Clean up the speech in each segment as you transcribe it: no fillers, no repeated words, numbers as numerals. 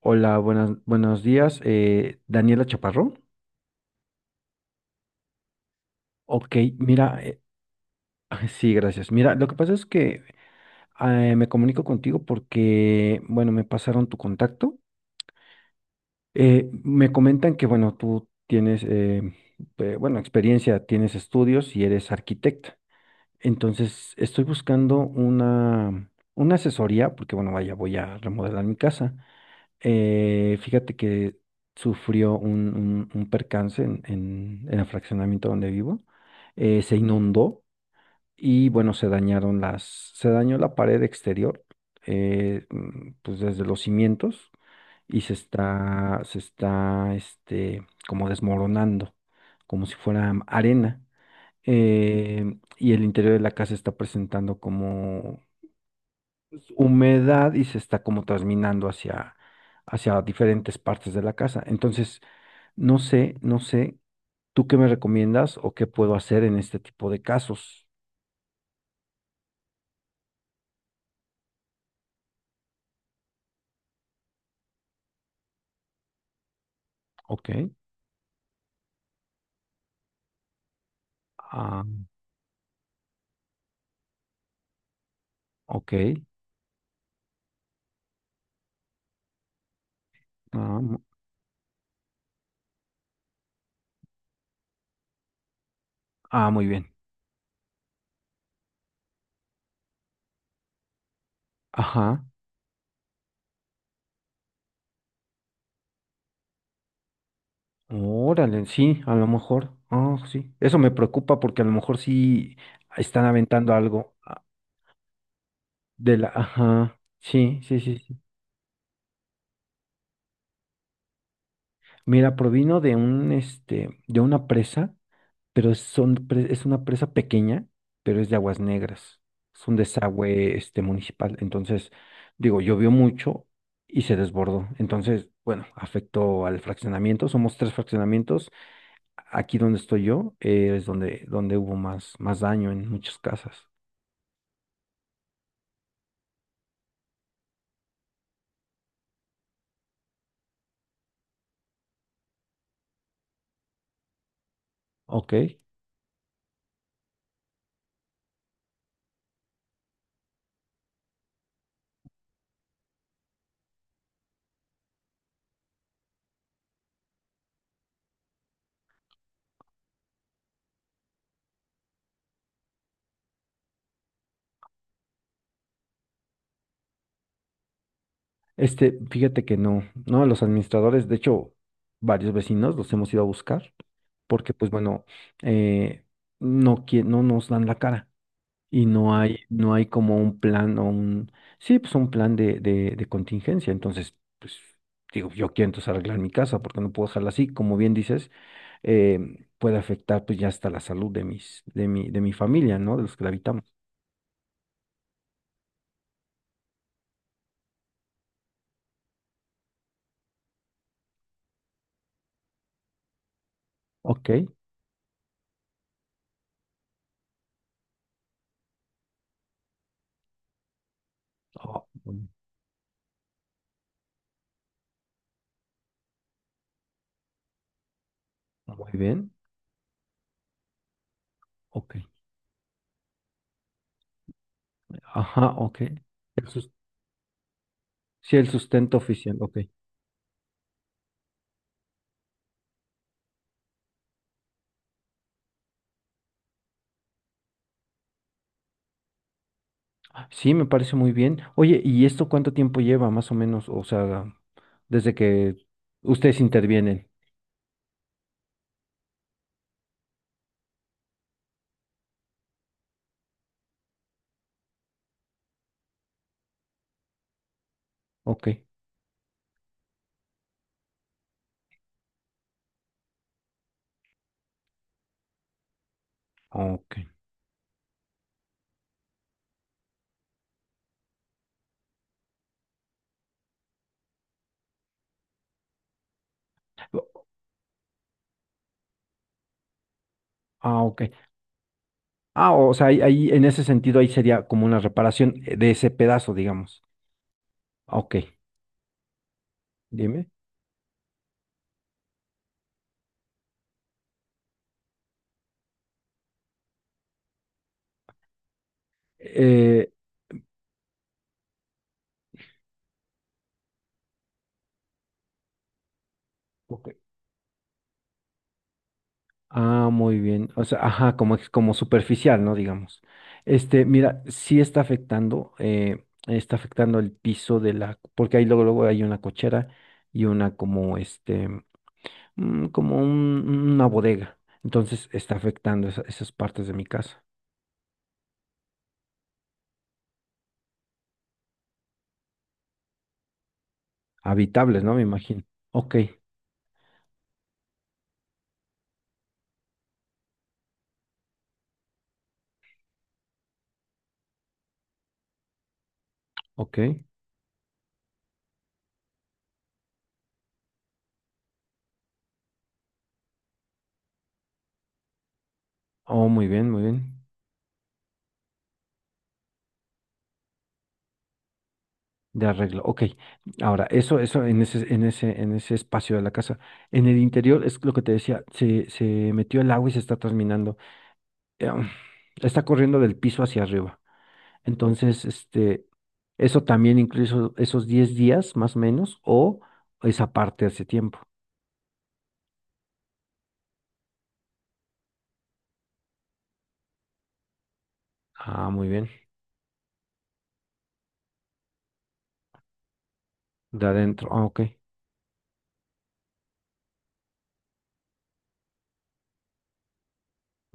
Hola, buenas, buenos días. Daniela Chaparro. Ok, mira, sí, gracias. Mira, lo que pasa es que me comunico contigo porque, bueno, me pasaron tu contacto. Me comentan que, bueno, tú tienes, bueno, experiencia, tienes estudios y eres arquitecta. Entonces, estoy buscando una asesoría porque, bueno, vaya, voy a remodelar mi casa. Fíjate que sufrió un percance en el fraccionamiento donde vivo. Se inundó y bueno, se dañó la pared exterior, pues desde los cimientos y se está como desmoronando, como si fuera arena. Eh, y el interior de la casa está presentando como pues, humedad y se está como trasminando hacia diferentes partes de la casa. Entonces, no sé, no sé, ¿tú qué me recomiendas o qué puedo hacer en este tipo de casos? Ok, ah, ok. ah, mu- Muy bien. Ajá, órale, sí, a lo mejor, sí, eso me preocupa porque a lo mejor sí están aventando algo, de la, ajá, sí, sí, sí, sí. Mira, provino de una presa, pero es una presa pequeña, pero es de aguas negras. Es un desagüe municipal. Entonces, digo, llovió mucho y se desbordó. Entonces, bueno, afectó al fraccionamiento. Somos tres fraccionamientos. Aquí donde estoy yo, es donde hubo más daño en muchas casas. Ok. Fíjate que no, no, los administradores, de hecho, varios vecinos los hemos ido a buscar, porque pues bueno, eh, no, no nos dan la cara. Y no hay como un plan o un, sí, pues un plan de contingencia. Entonces, pues digo, yo quiero entonces arreglar mi casa porque no puedo dejarla así. Como bien dices, puede afectar pues ya hasta la salud de mi familia, ¿no? De los que la habitamos. Ok. Oh, muy muy bien. Ok. Ajá, ok. El sus- sí, el sustento oficial, ok. Sí, me parece muy bien. Oye, ¿y esto cuánto tiempo lleva más o menos? O sea, desde que ustedes intervienen. Ok. Ok. O- ok. O sea, ahí en ese sentido ahí sería como una reparación de ese pedazo, digamos. Ok, dime. Eh, ok. Muy bien. O sea, ajá, como superficial, ¿no? Digamos. Mira, está afectando el piso de la, porque ahí luego hay una cochera y una como este, mm, como un- una bodega. Entonces está afectando esas partes de mi casa. Habitables, ¿no? Me imagino. Ok, ok. Oh, muy bien, muy bien. De arreglo. Ok. Ahora, eso en ese espacio de la casa. En el interior es lo que te decía, se metió el agua y se está terminando. eh, um, Está corriendo del piso hacia arriba. Entonces, eso también incluso esos 10 días más o menos, o esa parte hace tiempo. Muy bien. De adentro. Ok.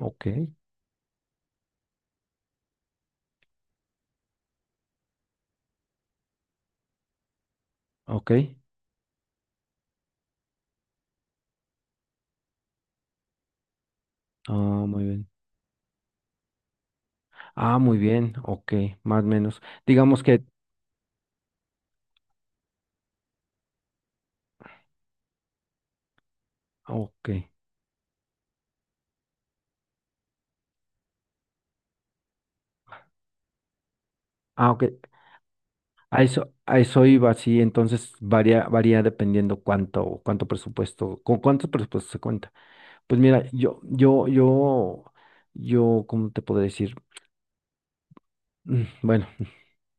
Ok. Ok. Ah, Muy bien. Muy bien. Ok. Más o menos. Digamos que. Ok. Ok. A eso iba, sí, entonces varía dependiendo cuánto presupuesto, con cuánto presupuesto se cuenta. Pues mira, ¿cómo te puedo decir? Bueno,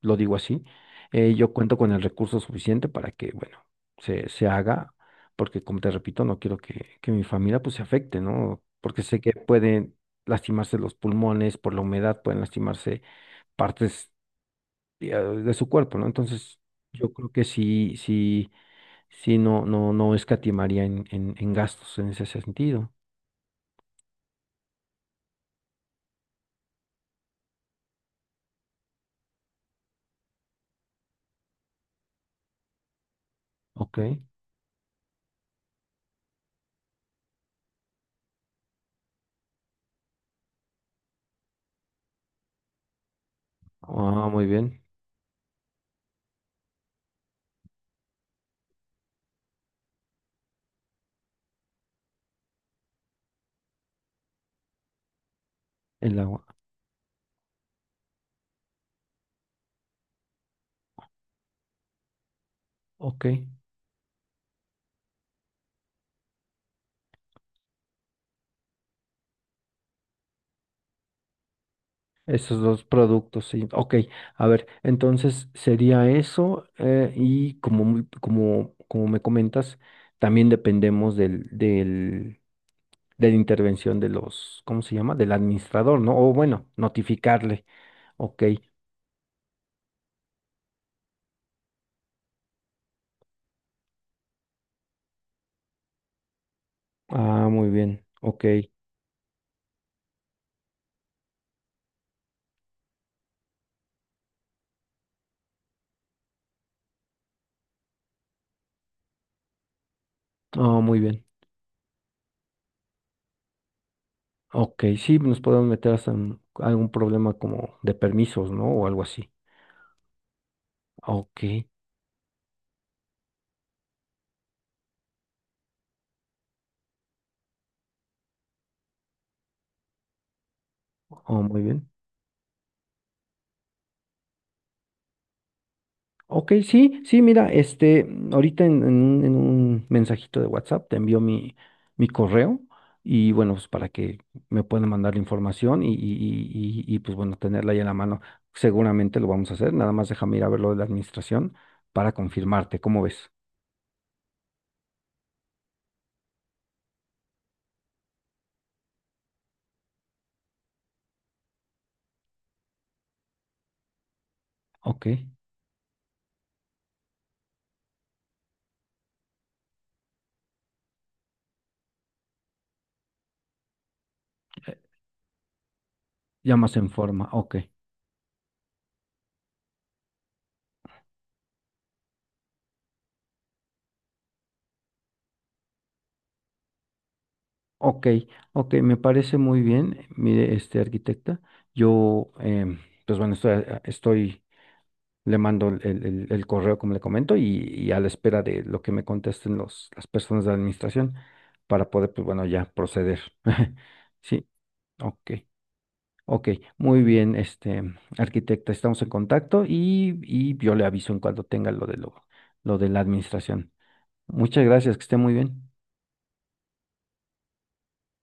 lo digo así, yo cuento con el recurso suficiente para que, bueno, se haga, porque como te repito, no quiero que mi familia pues se afecte, ¿no? Porque sé que pueden lastimarse los pulmones por la humedad, pueden lastimarse partes de su cuerpo, ¿no? Entonces, yo creo que sí, sí, sí, no, no, no escatimaría en gastos en ese sentido. Ok. Muy bien. El agua. Ok. Esos dos productos, sí. Ok. A ver, entonces sería eso. Y como me comentas, también dependemos de la intervención de los, ¿cómo se llama? Del administrador, ¿no? O bueno, notificarle. Ok. Muy bien. Ok. Oh, muy bien. Ok, sí, nos podemos meter hasta en algún problema como de permisos, ¿no? O algo así. Ok, oh, muy bien. Ok, sí, sí, mira, ahorita en un mensajito de WhatsApp te envío mi correo y bueno, pues para que me puedan mandar la información pues bueno, tenerla ahí en la mano. Seguramente lo vamos a hacer, nada más déjame ir a ver lo de la administración para confirmarte, ¿cómo ves? Ok, ya más en forma, ok. Ok, ok, me parece muy bien. Mire, arquitecta, yo, em, pues bueno, estoy, le mando el correo, como le comento, y a la espera de lo que me contesten las personas de la administración para poder, pues bueno, ya proceder. Sí, ok, ok, muy bien, arquitecta, estamos en contacto y yo le aviso en cuanto tenga lo de la administración. Muchas gracias, que esté muy bien.